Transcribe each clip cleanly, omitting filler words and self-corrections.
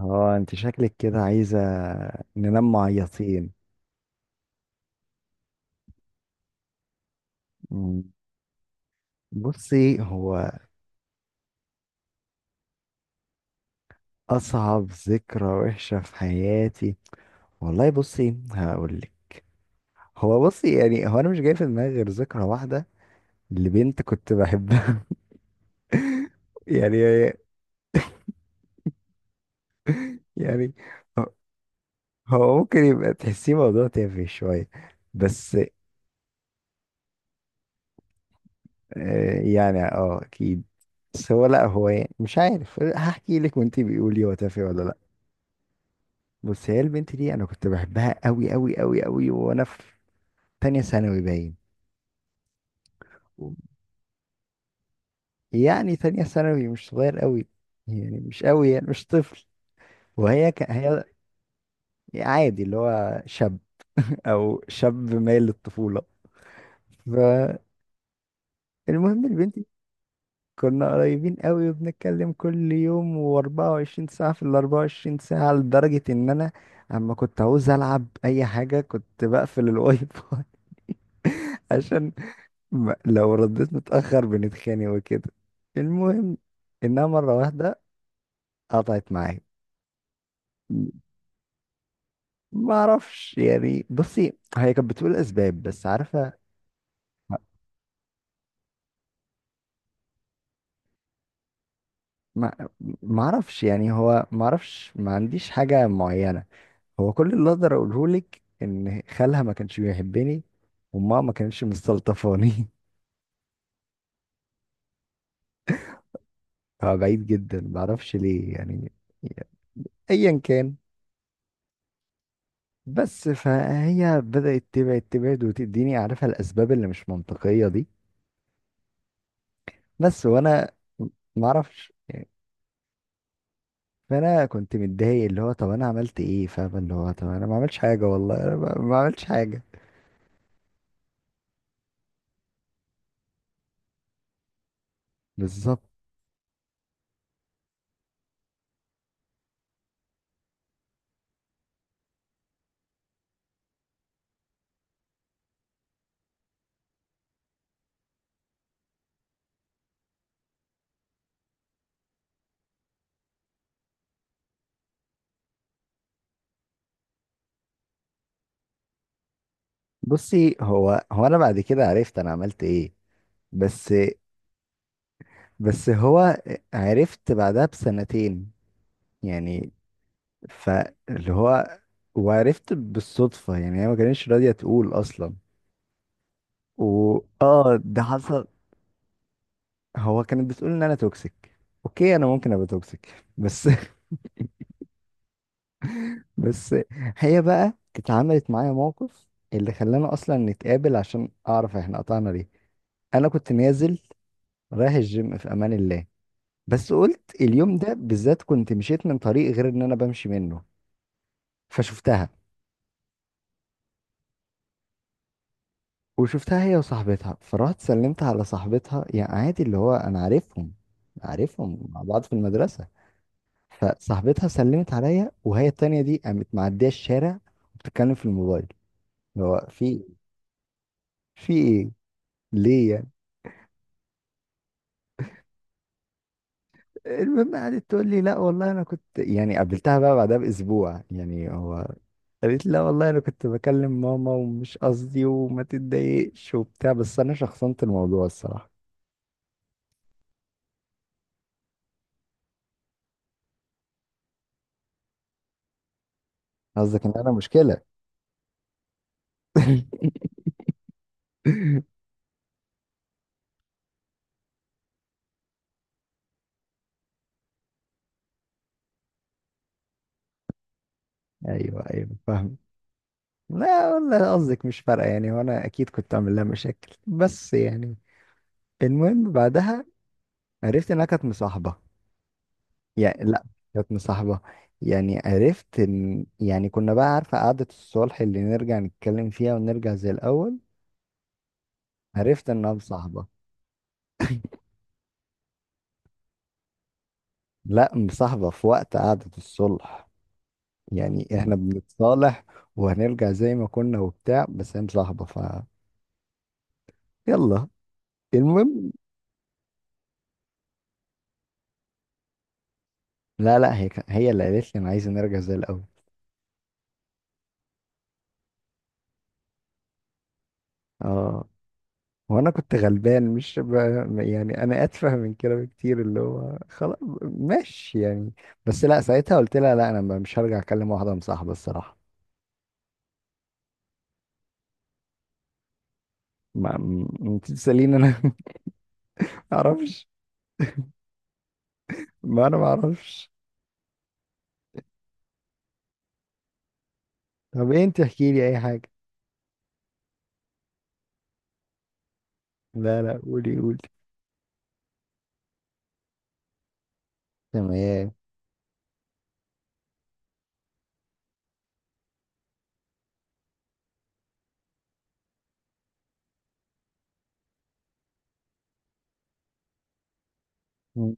اه، انت شكلك كده عايزة ننام معيطين. مم. بصي، هو اصعب ذكرى وحشة في حياتي. والله بصي هقولك. هو بصي يعني هو انا مش جاي في دماغي غير ذكرى واحدة لبنت كنت بحبها. يعني يعني هو هو ممكن يبقى تحسيه موضوع تافه شوية بس. آه، يعني اه اكيد. بس هو، لا، هو يعني مش عارف هحكي لك وانتي بيقولي هو تافه ولا لا. بص، هي البنت دي انا كنت بحبها قوي قوي قوي قوي وانا في تانية ثانوي باين. يعني تانية ثانوي مش صغير قوي، يعني مش قوي، يعني مش طفل. وهي هي عادي اللي هو شاب. او شاب مايل للطفولة. فالمهم، البنت دي كنا قريبين قوي وبنتكلم كل يوم و24 ساعة في ال 24 ساعة، لدرجة ان انا اما كنت عاوز العب اي حاجة كنت بقفل الواي فاي. عشان لو رديت متأخر بنتخانق وكده. المهم إنها مرة واحدة قطعت معايا. ما أعرفش، يعني بصي هي كانت بتقول أسباب بس عارفة. ما ما أعرفش، يعني هو ما أعرفش، ما عنديش حاجة معينة. هو كل اللي أقدر أقوله لك إن خالها ما كانش بيحبني، وماما ما كانتش مستلطفاني. هو بعيد جدا، ما أعرفش ليه يعني. أيا كان. بس فهي بدأت تبعد تبعد وتديني عارفة الأسباب اللي مش منطقية دي بس، وانا ما اعرفش. فانا كنت متضايق، اللي هو طب انا عملت ايه، فاهم، اللي هو طب انا ما عملتش حاجه، والله انا ما عملتش حاجه. بالظبط. بصي هو انا بعد كده عرفت انا عملت ايه، بس. بس هو عرفت بعدها بسنتين يعني. فاللي هو وعرفت بالصدفه، يعني هي ما كانتش راضيه تقول اصلا. و اه ده حصل. هو كانت بتقول ان انا توكسيك. اوكي، انا ممكن ابقى توكسيك بس. بس هي بقى اتعملت معايا موقف اللي خلانا اصلا نتقابل عشان اعرف احنا قطعنا ليه. انا كنت نازل رايح الجيم في امان الله، بس قلت اليوم ده بالذات كنت مشيت من طريق غير ان انا بمشي منه، فشفتها. وشفتها هي وصاحبتها، فرحت سلمت على صاحبتها، يعني عادي اللي هو انا عارفهم، عارفهم مع بعض في المدرسة. فصاحبتها سلمت عليا، وهي التانية دي قامت معدية الشارع وبتتكلم في الموبايل. اللي هو في ايه، ليه؟ المهم قعدت تقول لي لا والله انا كنت، يعني قابلتها بقى بعدها باسبوع يعني، هو قالت لي لا والله انا كنت بكلم ماما ومش قصدي وما تتضايقش وبتاع، بس انا شخصنت الموضوع الصراحه. قصدك ان انا مشكله؟ ايوه ايوه فاهم. لا والله قصدك مش فارقه يعني، وانا اكيد كنت اعمل لها مشاكل، بس يعني. المهم بعدها عرفت انها كانت مصاحبه. يعني لا، كانت مصاحبة. يعني عرفت إن، يعني كنا بقى عارفة قعدة الصلح اللي نرجع نتكلم فيها ونرجع زي الأول، عرفت إنها مصاحبة. لا، مصاحبة في وقت قعدة الصلح، يعني إحنا بنتصالح وهنرجع زي ما كنا وبتاع، بس هي مصاحبة، ف يلا، المهم. لا لا، هي اللي قالت لي أنا عايزة نرجع زي الأول. اه. وانا كنت غلبان مش ب... يعني انا اتفه من كده بكتير، اللي هو خلاص ماشي يعني. بس لا، ساعتها قلت لها لا، انا مش هرجع اكلم واحده مصاحبه الصراحه. ما م- انت تساليني انا؟ ما اعرفش. ما انا ما اعرفش. طب إيه؟ انت احكي لي اي حاجه. لا لا، قولي قولي. تمام. م.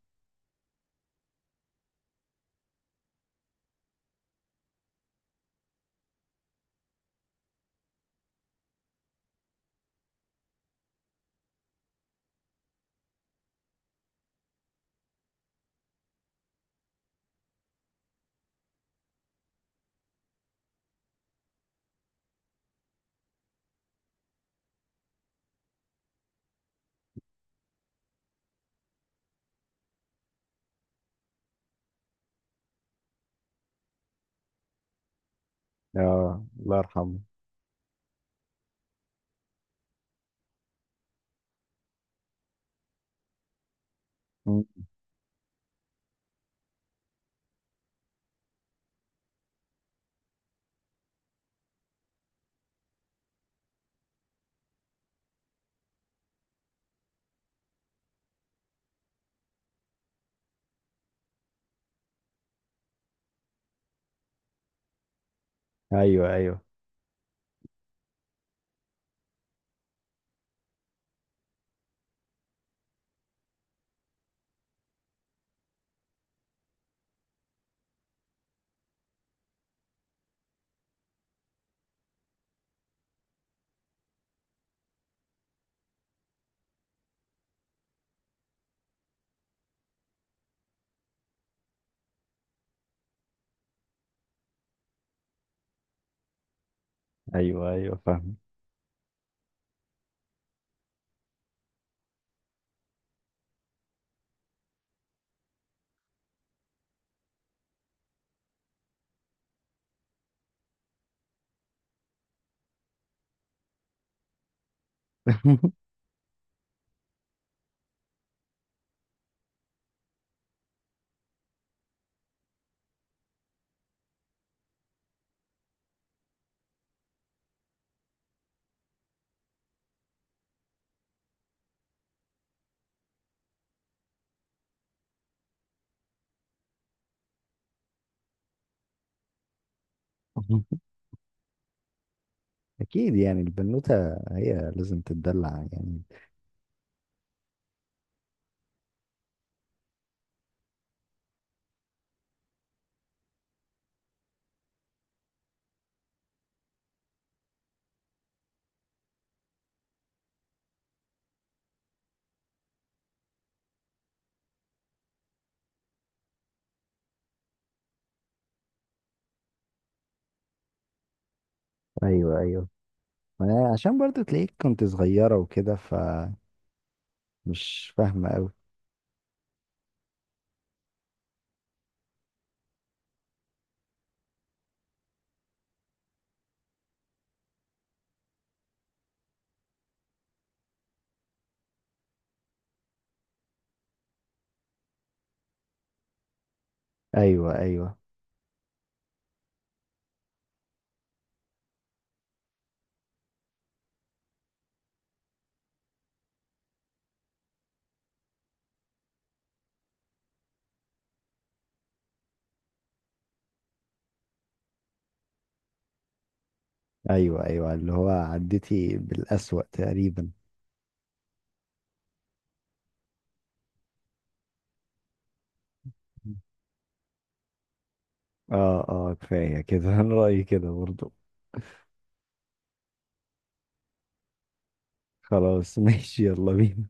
اه الله يرحمه. م. ايوه ايوه. ايوه ايوه فاهم. اكيد يعني البنوته هي لازم تتدلع يعني. ايوه ايوه. ما عشان برضو تلاقيك كنت صغيرة وكده، فمش فاهمة أوي. أيوة أيوة. أيوة أيوة، اللي هو عديتي بالأسوأ تقريبا. اه اه، كفاية كده. أنا رأيي كده برضو. خلاص ماشي، يلا بينا.